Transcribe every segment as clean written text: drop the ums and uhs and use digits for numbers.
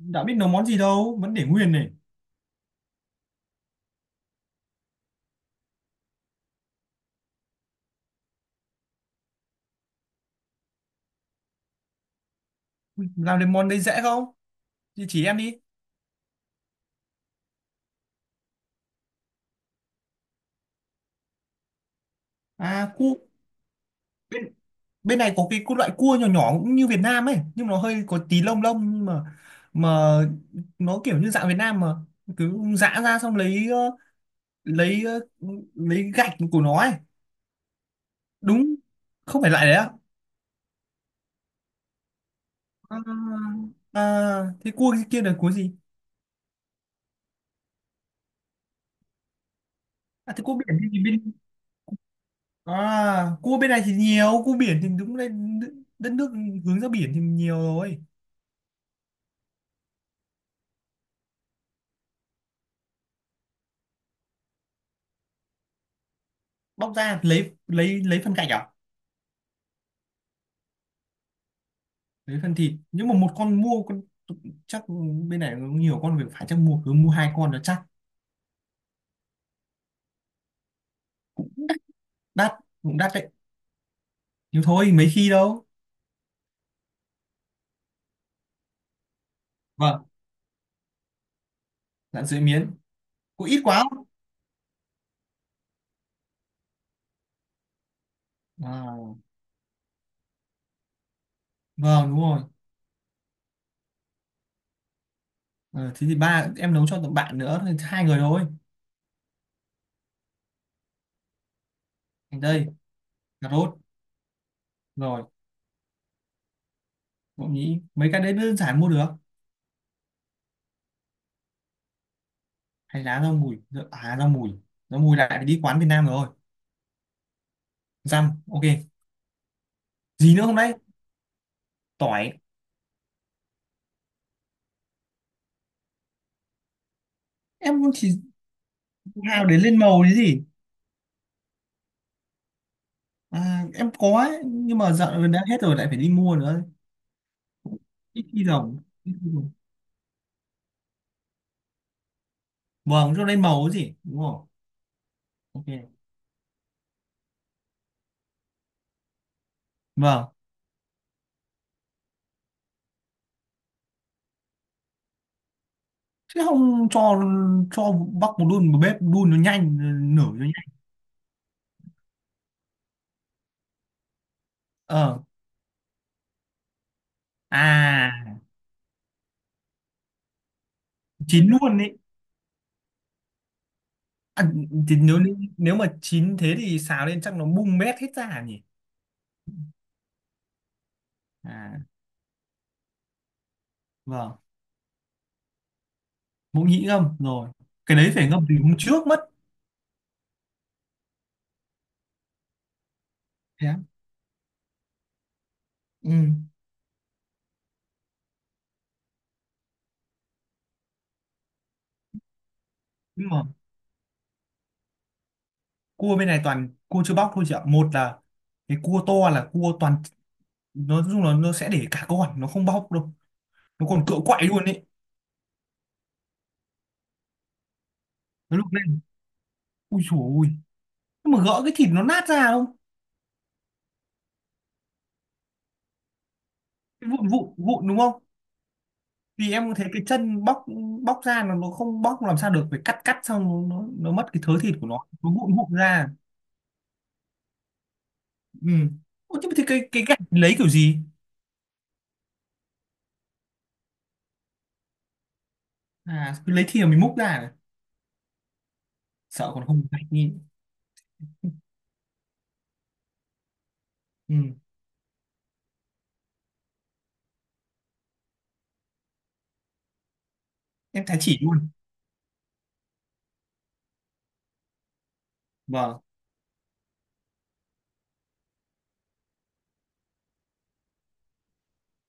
Đã biết nấu món gì đâu, vẫn để nguyên này. Ui, làm được món đấy dễ không? Thì chỉ em đi. À cu, bên này có cái loại cua nhỏ nhỏ cũng như Việt Nam ấy, nhưng mà nó hơi có tí lông lông, nhưng mà nó kiểu như dạng Việt Nam, mà cứ giã ra xong lấy lấy lấy gạch của nó ấy. Đúng. Không phải lại đấy á? à, à, Thế cua kia là cua gì? À thế cua biển thì bên… À cua bên này thì nhiều, cua biển thì đúng là đất nước hướng ra biển thì nhiều rồi. Bóc ra lấy lấy phần gạch à? Lấy phần thịt, nhưng mà một con mua con chắc, bên này cũng nhiều con, việc phải chắc mua, cứ mua hai con nó chắc. Đắt. Cũng đắt đấy, nhưng thôi mấy khi đâu. Vâng. Dạ dưới miến cũng ít quá không? À, vâng đúng rồi. Ờ, thế thì ba em nấu cho tụi bạn nữa thì hai người thôi. Hành tây, cà rốt, rồi bỗng nhĩ, mấy cái đấy đơn giản mua được. Hay lá rau mùi. À rau mùi, rau mùi lại phải đi quán Việt Nam rồi. Dăm, ok. Gì nữa không đấy? Tỏi. Em cũng chỉ… Hào để lên màu chứ gì? À, em có ấy, nhưng mà dạo này đã hết rồi, lại phải đi mua nữa. Ít khi rồng. Ít khi dùng. Vâng, cho lên màu cái gì đúng không? Ok. Vâng, chứ không cho cho bắc một đun vào bếp đun nó nhanh nở nó nhanh. Ờ, à, chín luôn đấy. À, thì nếu nếu mà chín thế thì xào lên chắc nó bung bét hết ra nhỉ. À vâng, mộc nhĩ ngâm rồi, cái đấy phải ngâm từ hôm trước mất. Thế á? Ừ. Nhưng mà cua bên này toàn cua chưa bóc thôi chị ạ, một là cái cua to là cua toàn, nói chung là nó sẽ để cả con, nó không bóc đâu. Nó còn cựa quậy luôn đấy. Nó lúc lên, ui dồi ui, nhưng mà gỡ cái thịt nó nát ra không? Cái vụn vụn vụn đúng không? Thì em có thấy cái chân bóc, bóc ra nó không bóc làm sao được, phải cắt, cắt xong nó mất cái thớ thịt của nó vụn vụn ra. Ừ. Ủa, chứ thì cái gạch lấy kiểu gì? À cứ lấy thìa mình múc ra à? Sợ còn không gạch nhìn. Ừ. Em thái chỉ luôn. Vâng.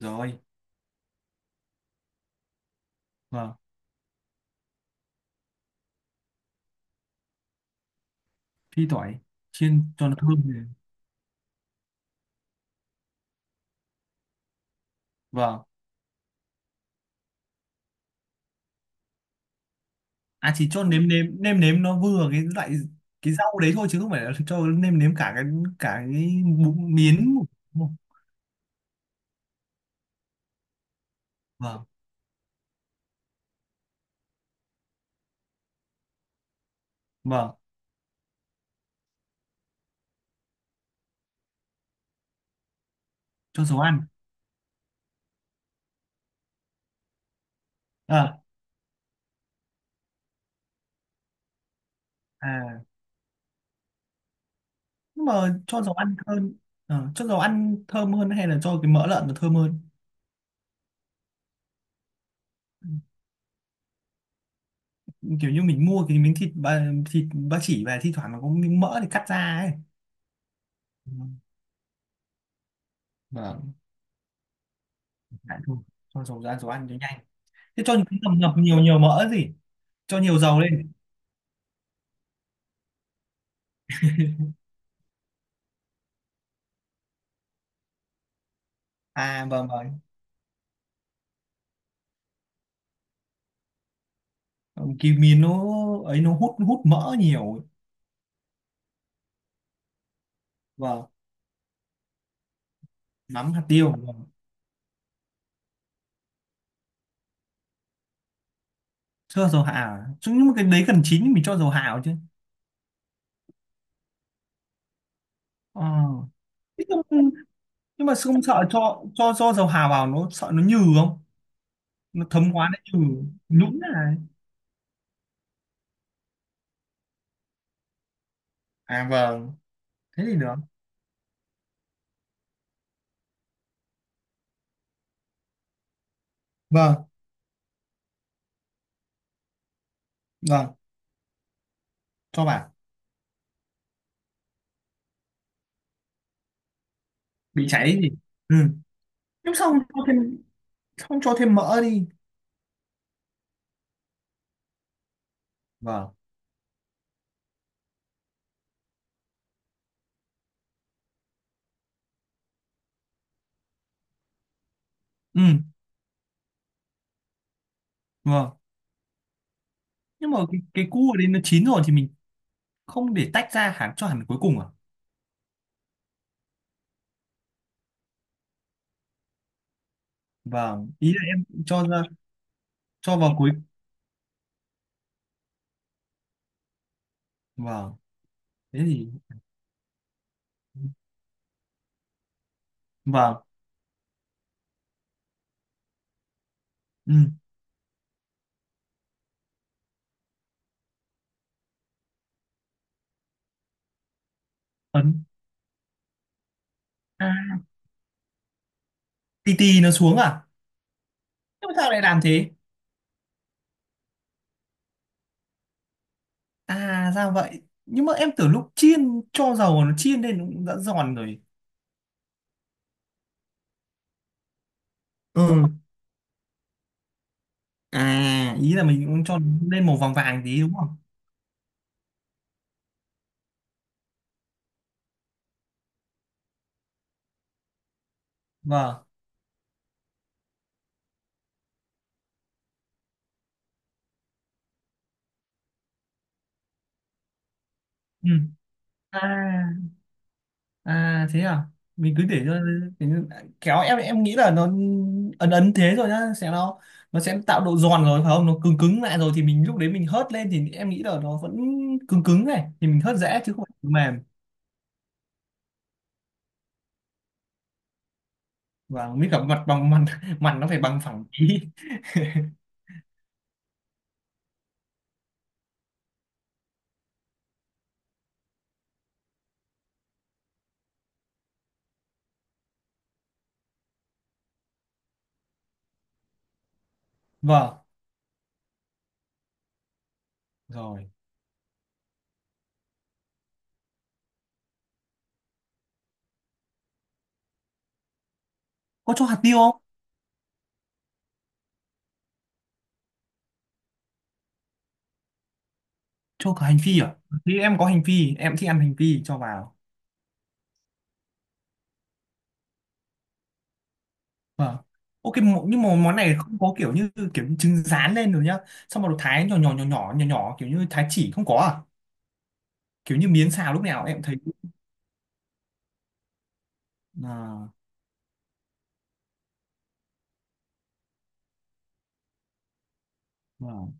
Rồi. Vâng. Phi tỏi, chiên cho nó thơm. Vâng. À chỉ cho nếm nếm nêm nếm nó vừa cái loại cái rau đấy thôi, chứ không phải là cho nêm nếm cả cái miến. Vâng. Vâng, cho dầu ăn. À, à, nhưng mà cho dầu ăn hơn. Ờ, cho dầu ăn thơm hơn hay là cho cái mỡ lợn nó thơm hơn? Kiểu như mình mua cái miếng thịt ba chỉ về, thi thoảng nó có miếng mỡ thì cắt ra ấy. Vâng. Vâng. Lại thôi, cho dầu ra, dầu ăn cho nhanh. Thế cho những cái ngập ngập nhiều nhiều mỡ gì? Cho nhiều dầu lên. À vâng, vâng. Kiwi nó… ấy nó hút hút mỡ nhiều ấy. Vâng. Mắm hạt tiêu, vâng. Chưa dầu hạ à? Chứ nhưng mà cái đấy gần chín thì mình cho dầu hạ vào chứ. Ờ. Thế nhưng mà không sợ cho dầu hạ vào nó sợ nó nhừ không? Nó thấm quá nó nhừ nhũn này. À vâng. Thế thì được. Vâng. Vâng, cho vào. Bị cháy gì. Ừ. Nhưng sao không cho thêm, không cho thêm mỡ đi? Vâng. Ừ. Vâng. Nhưng mà cái cua ở đây nó chín rồi thì mình không để tách ra hẳn, cho hẳn cuối cùng à? Vâng, ý là em cho ra, cho vào cuối. Vâng. Thế thì… Vâng. Ừ. Ấn. À, tì tì nó xuống à? Nhưng mà sao lại làm thế? À ra vậy, nhưng mà em tưởng lúc chiên cho dầu, nó chiên lên nó cũng đã giòn rồi. Ừ. À ý là mình cũng cho lên màu vàng vàng tí đúng không? Vâng. Ừ. À. À thế à? Mình cứ để cho để- kéo em nghĩ là nó ấn ấn thế rồi nhá, sẽ nó sẽ tạo độ giòn rồi phải không? Nó cứng cứng lại rồi thì mình lúc đấy mình hớt lên, thì em nghĩ là nó vẫn cứng cứng này thì mình hớt dễ, chứ không phải mềm. Và mới cả mặt bằng, mặt mặt nó phải bằng phẳng tí. Vâng, rồi. Có cho hạt tiêu không? Cho cả hành phi à? Thì em có hành phi, em thích ăn hành phi cho vào. Vâng. Ok nhưng mà món này không có kiểu như trứng rán lên rồi nhá. Xong rồi thái nhỏ nhỏ nhỏ nhỏ nhỏ nhỏ kiểu như thái chỉ không có à? Kiểu như miến xào lúc nào em cũng thấy. À, vâng.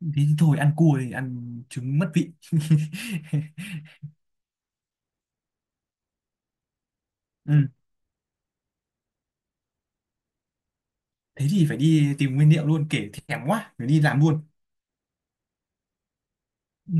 Thế thì thôi ăn cua thì ăn trứng mất vị. Ừ. Thế thì phải đi tìm nguyên liệu luôn, kể thèm quá, phải đi làm luôn. Ừ.